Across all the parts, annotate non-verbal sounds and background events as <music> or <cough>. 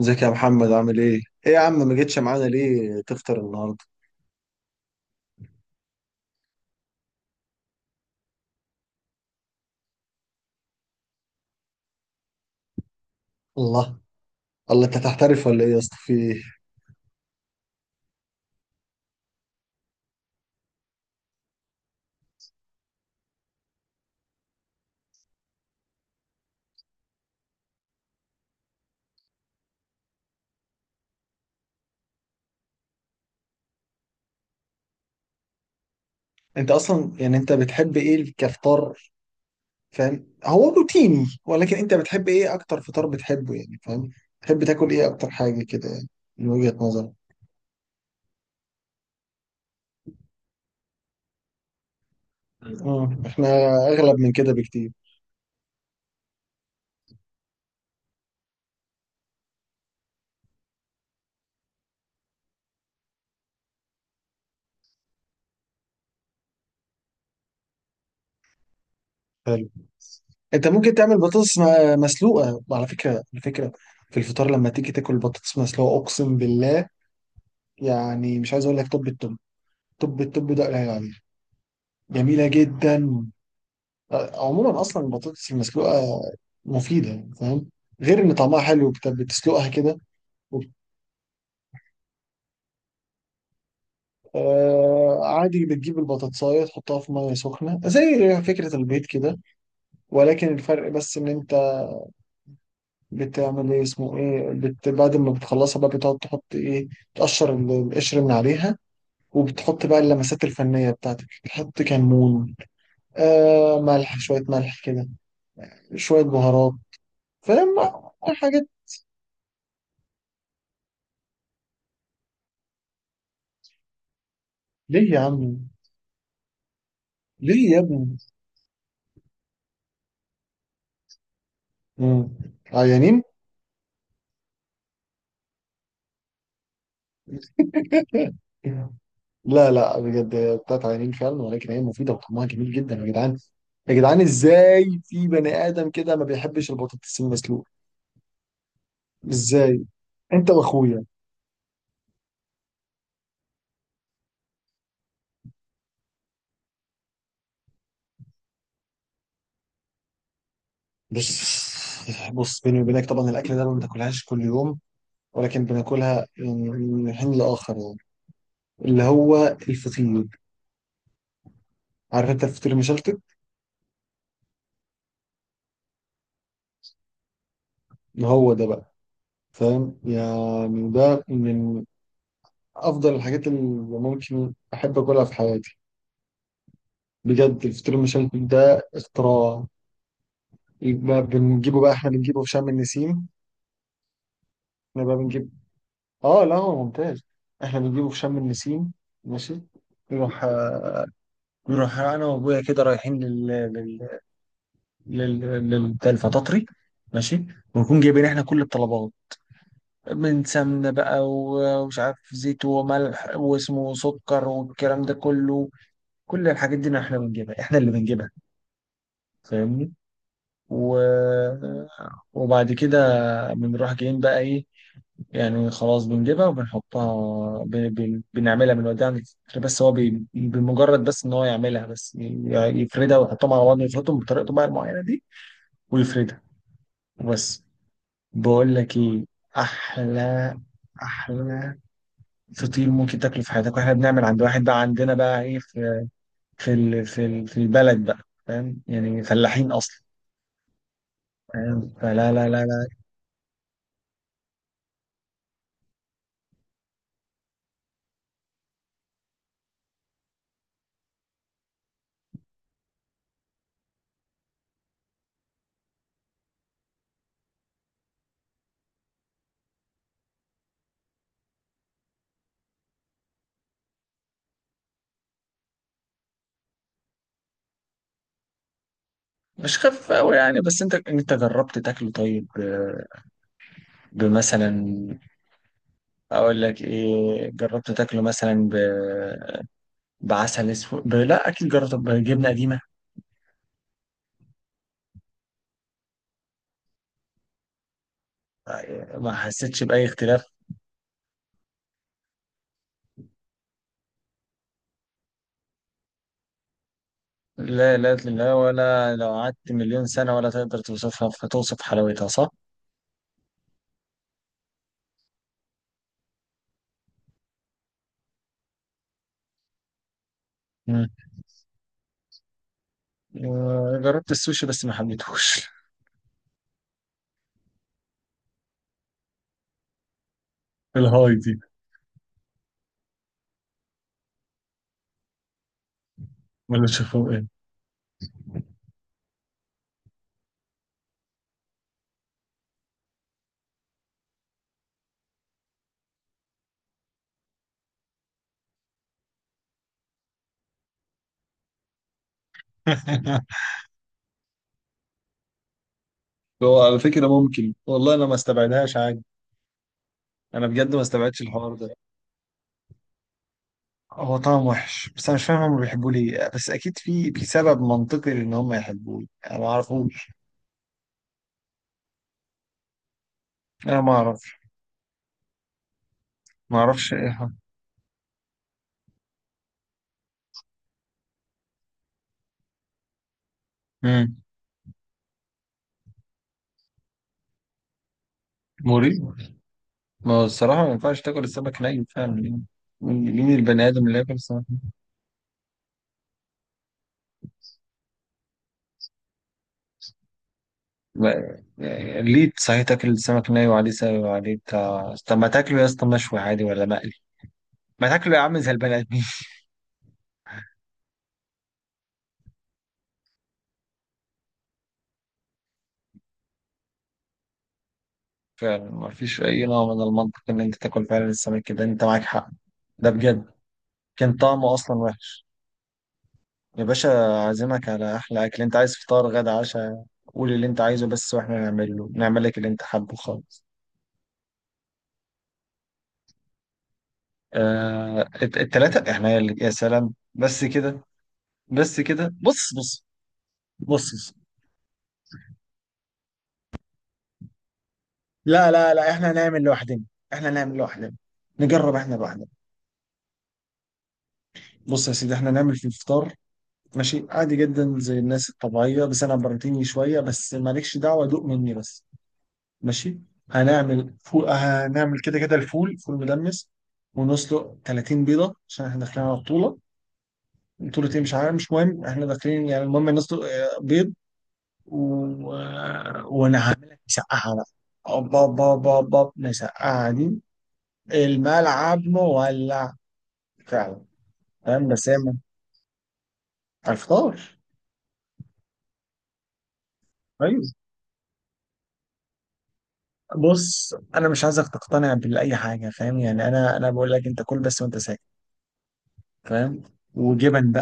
ازيك يا محمد عامل ايه؟ ايه يا عم ما جيتش معانا ليه تفطر النهارده؟ الله، الله انت تحترف ولا ايه يا اسطى في ايه؟ انت اصلا يعني انت بتحب ايه كفطار فاهم؟ هو روتيني ولكن انت بتحب ايه اكتر فطار بتحبه يعني فاهم؟ تحب تاكل ايه اكتر حاجه كده يعني من وجهة نظرك؟ اه احنا اغلب من كده بكتير. حلو، انت ممكن تعمل بطاطس مسلوقه على فكره، على فكره في الفطار لما تيجي تاكل بطاطس مسلوقه اقسم بالله. يعني مش عايز اقول لك طب التوب، طب التوب ده قليل عليه، جميلة جدا. عموما أصلا البطاطس المسلوقة مفيدة يعني فاهم، غير إن طعمها حلو بتسلقها كده وبت- آه عادي، بتجيب البطاطساية تحطها في مية سخنة زي فكرة البيض كده، ولكن الفرق بس إن أنت بتعمل إيه اسمه إيه بت بعد ما بتخلصها بقى بتقعد تحط إيه، تقشر القشر من عليها وبتحط بقى اللمسات الفنية بتاعتك، بتحط كمون، آه، ملح، شوية ملح كده، شوية بهارات، فاهم، حاجات. ليه يا عم، ليه يا ابني؟ مم. عيانين؟ لا لا بجد هي بتاعت عيانين فعلا، ولكن هي مفيدة وطعمها جميل جدا يا جدعان. يا جدعان ازاي في بني آدم كده ما بيحبش البطاطس المسلوقة؟ ازاي؟ انت واخويا. بص، بص بيني وبينك طبعا الأكل ده ما بناكلهاش كل يوم، ولكن بناكلها يعني من حين لآخر، يعني اللي هو الفطير، عارف انت الفطير المشلتت؟ هو ده بقى، فاهم يعني ده من افضل الحاجات اللي ممكن احب اكلها في حياتي. بجد الفطير المشلتت ده اختراع. يبقى بنجيبه بقى، احنا بنجيبه في شم النسيم. احنا بقى بنجيب، اه لا هو ممتاز، احنا بنجيبه في شم النسيم. ماشي، نروح، نروح انا وابويا كده رايحين لل لل بتاع الفطاطري، ماشي، ونكون جايبين احنا كل الطلبات، من سمنه بقى ومش عارف زيت وملح واسمه سكر والكلام ده كله، كل الحاجات دي احنا بنجيبها، احنا اللي بنجيبها، فاهمني. و... وبعد كده بنروح جايين بقى ايه، يعني خلاص بنجيبها وبنحطها، بنعملها، بنوديها عند الفكرة، بس هو بمجرد بس ان هو يعملها، يفردها ويحطهم على بعض، يفردهم بطريقته بقى المعينة دي، ويفردها وبس. بقول لك ايه، احلى، احلى فطير ممكن تاكله في حياتك، واحنا بنعمل عند واحد بقى عندنا بقى ايه، في في البلد بقى، فاهم يعني فلاحين اصلا، فاهم، فلا لا لا. مش خفيف قوي يعني، بس انت جربت تاكله طيب؟ آه، بمثلا، اقول لك ايه، جربت تاكله مثلا بعسل اسود لا اكيد جربت بجبنه قديمه؟ ما حسيتش باي اختلاف. لا لا لا، ولا لو قعدت مليون سنه ولا تقدر توصفها، فتوصف حلاوتها صح؟ مم. آه، جربت السوشي بس ما حبيتهوش. <laughs> الهاي دي، ولا شافوه ايه. <laughs> هو على فكرة ممكن، والله انا ما استبعدهاش عادي، انا بجد ما استبعدش الحوار ده. هو طعم وحش، بس انا مش فاهم هم بيحبوه ليه، بس اكيد في في سبب منطقي ان هم يحبوه، انا ما اعرفوش، انا ما اعرفش. ما اعرفش ايه هو. امم، مريب. ما هو الصراحه ما ينفعش تاكل السمك ني فعلا يعني. مين مين البني ادم اللي ياكل سمك؟ يعني ليه صحيح تاكل السمك ني وعليه سبب وعليه بتاع، طب ما تاكله يا اسطى مشوي عادي ولا مقلي، ما تاكله يا عم زي البني ادمين. <laughs> فعلا ما فيش اي نوع من المنطق ان انت تاكل فعلا السمك كده، انت معاك حق، ده بجد. كان طعمه اصلا وحش. يا باشا، عازمك على احلى اكل، انت عايز فطار، غدا، عشاء، قول اللي انت عايزه بس، واحنا نعمله، نعمل لك اللي انت حابه خالص. آه، التلاتة احنا يا سلام بس كده، بس كده. بص بص، بص بص. لا لا لا، احنا نعمل لوحدنا، احنا نعمل لوحدنا، نجرب احنا لوحدنا. بص يا سيدي، احنا نعمل في الفطار ماشي عادي جدا زي الناس الطبيعية، بس انا بروتيني شوية، بس مالكش دعوة دوق مني بس. ماشي، هنعمل فول، هنعمل كده كده الفول، فول مدمس، ونسلق 30 بيضة عشان احنا داخلين على بطولة، بطولة ايه مش عارف، مش مهم، احنا داخلين يعني، المهم نسلق آه، بيض. آه، وانا هعمل لك مسقعة بقى. أوبا با با با، مسقعة دي، الملعب مولع فعلا. فاهم بس هي على الفطار. ايوه، بص انا مش عايزك تقتنع باي حاجه، فاهم يعني، انا بقول لك انت كل بس وانت ساكت، فاهم، وجبن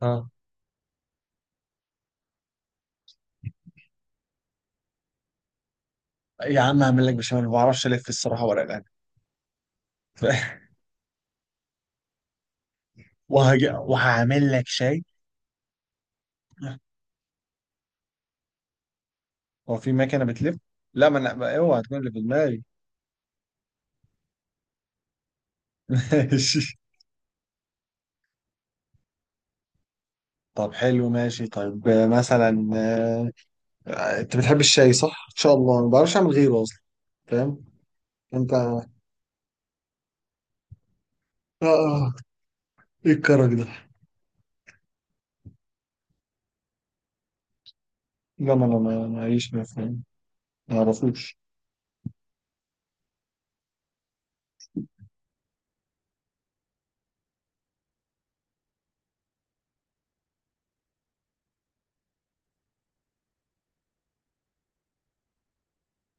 بقى. يا عم، هعمل لك بشاميل، ما بعرفش الف الصراحه ورق العنب. <laughs> وهعمل لك شاي. هو في مكنه بتلف؟ لا ما انا اوعى تكون اللي في دماغي. <laughs> ماشي. طب حلو، ماشي، طيب آه، مثلا، آه، آه، انت بتحب الشاي صح؟ ان شاء الله ما بعرفش اعمل غيره اصلا، فاهم؟ انت اه، آه، ايه الكرك ده؟ لا ما انا معيش ما فاهم، ما اعرفوش.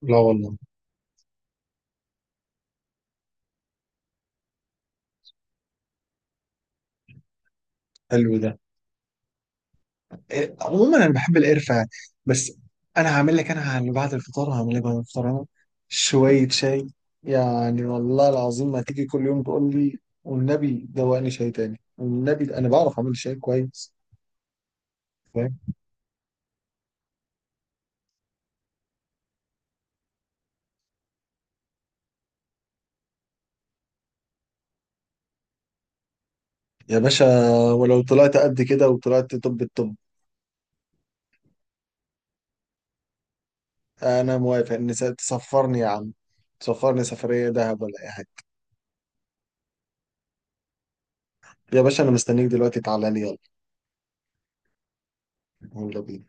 لا والله، حلو ده. إيه، عموما انا بحب القرفه يعني، بس انا هعمل لك، انا اللي بعد الفطار هعمل لك، بعد الفطار انا شويه شاي، يعني والله العظيم ما تيجي كل يوم تقول لي والنبي دوقني شاي تاني، والنبي انا بعرف اعمل شاي كويس، فاهم. يا باشا، ولو طلعت قد كده، وطلعت طب الطب، انا موافق ان تسفرني يا عم، تسفرني سفريه دهب ولا اي حاجه. يا باشا انا مستنيك دلوقتي، تعالى لي يلا، يلا بينا.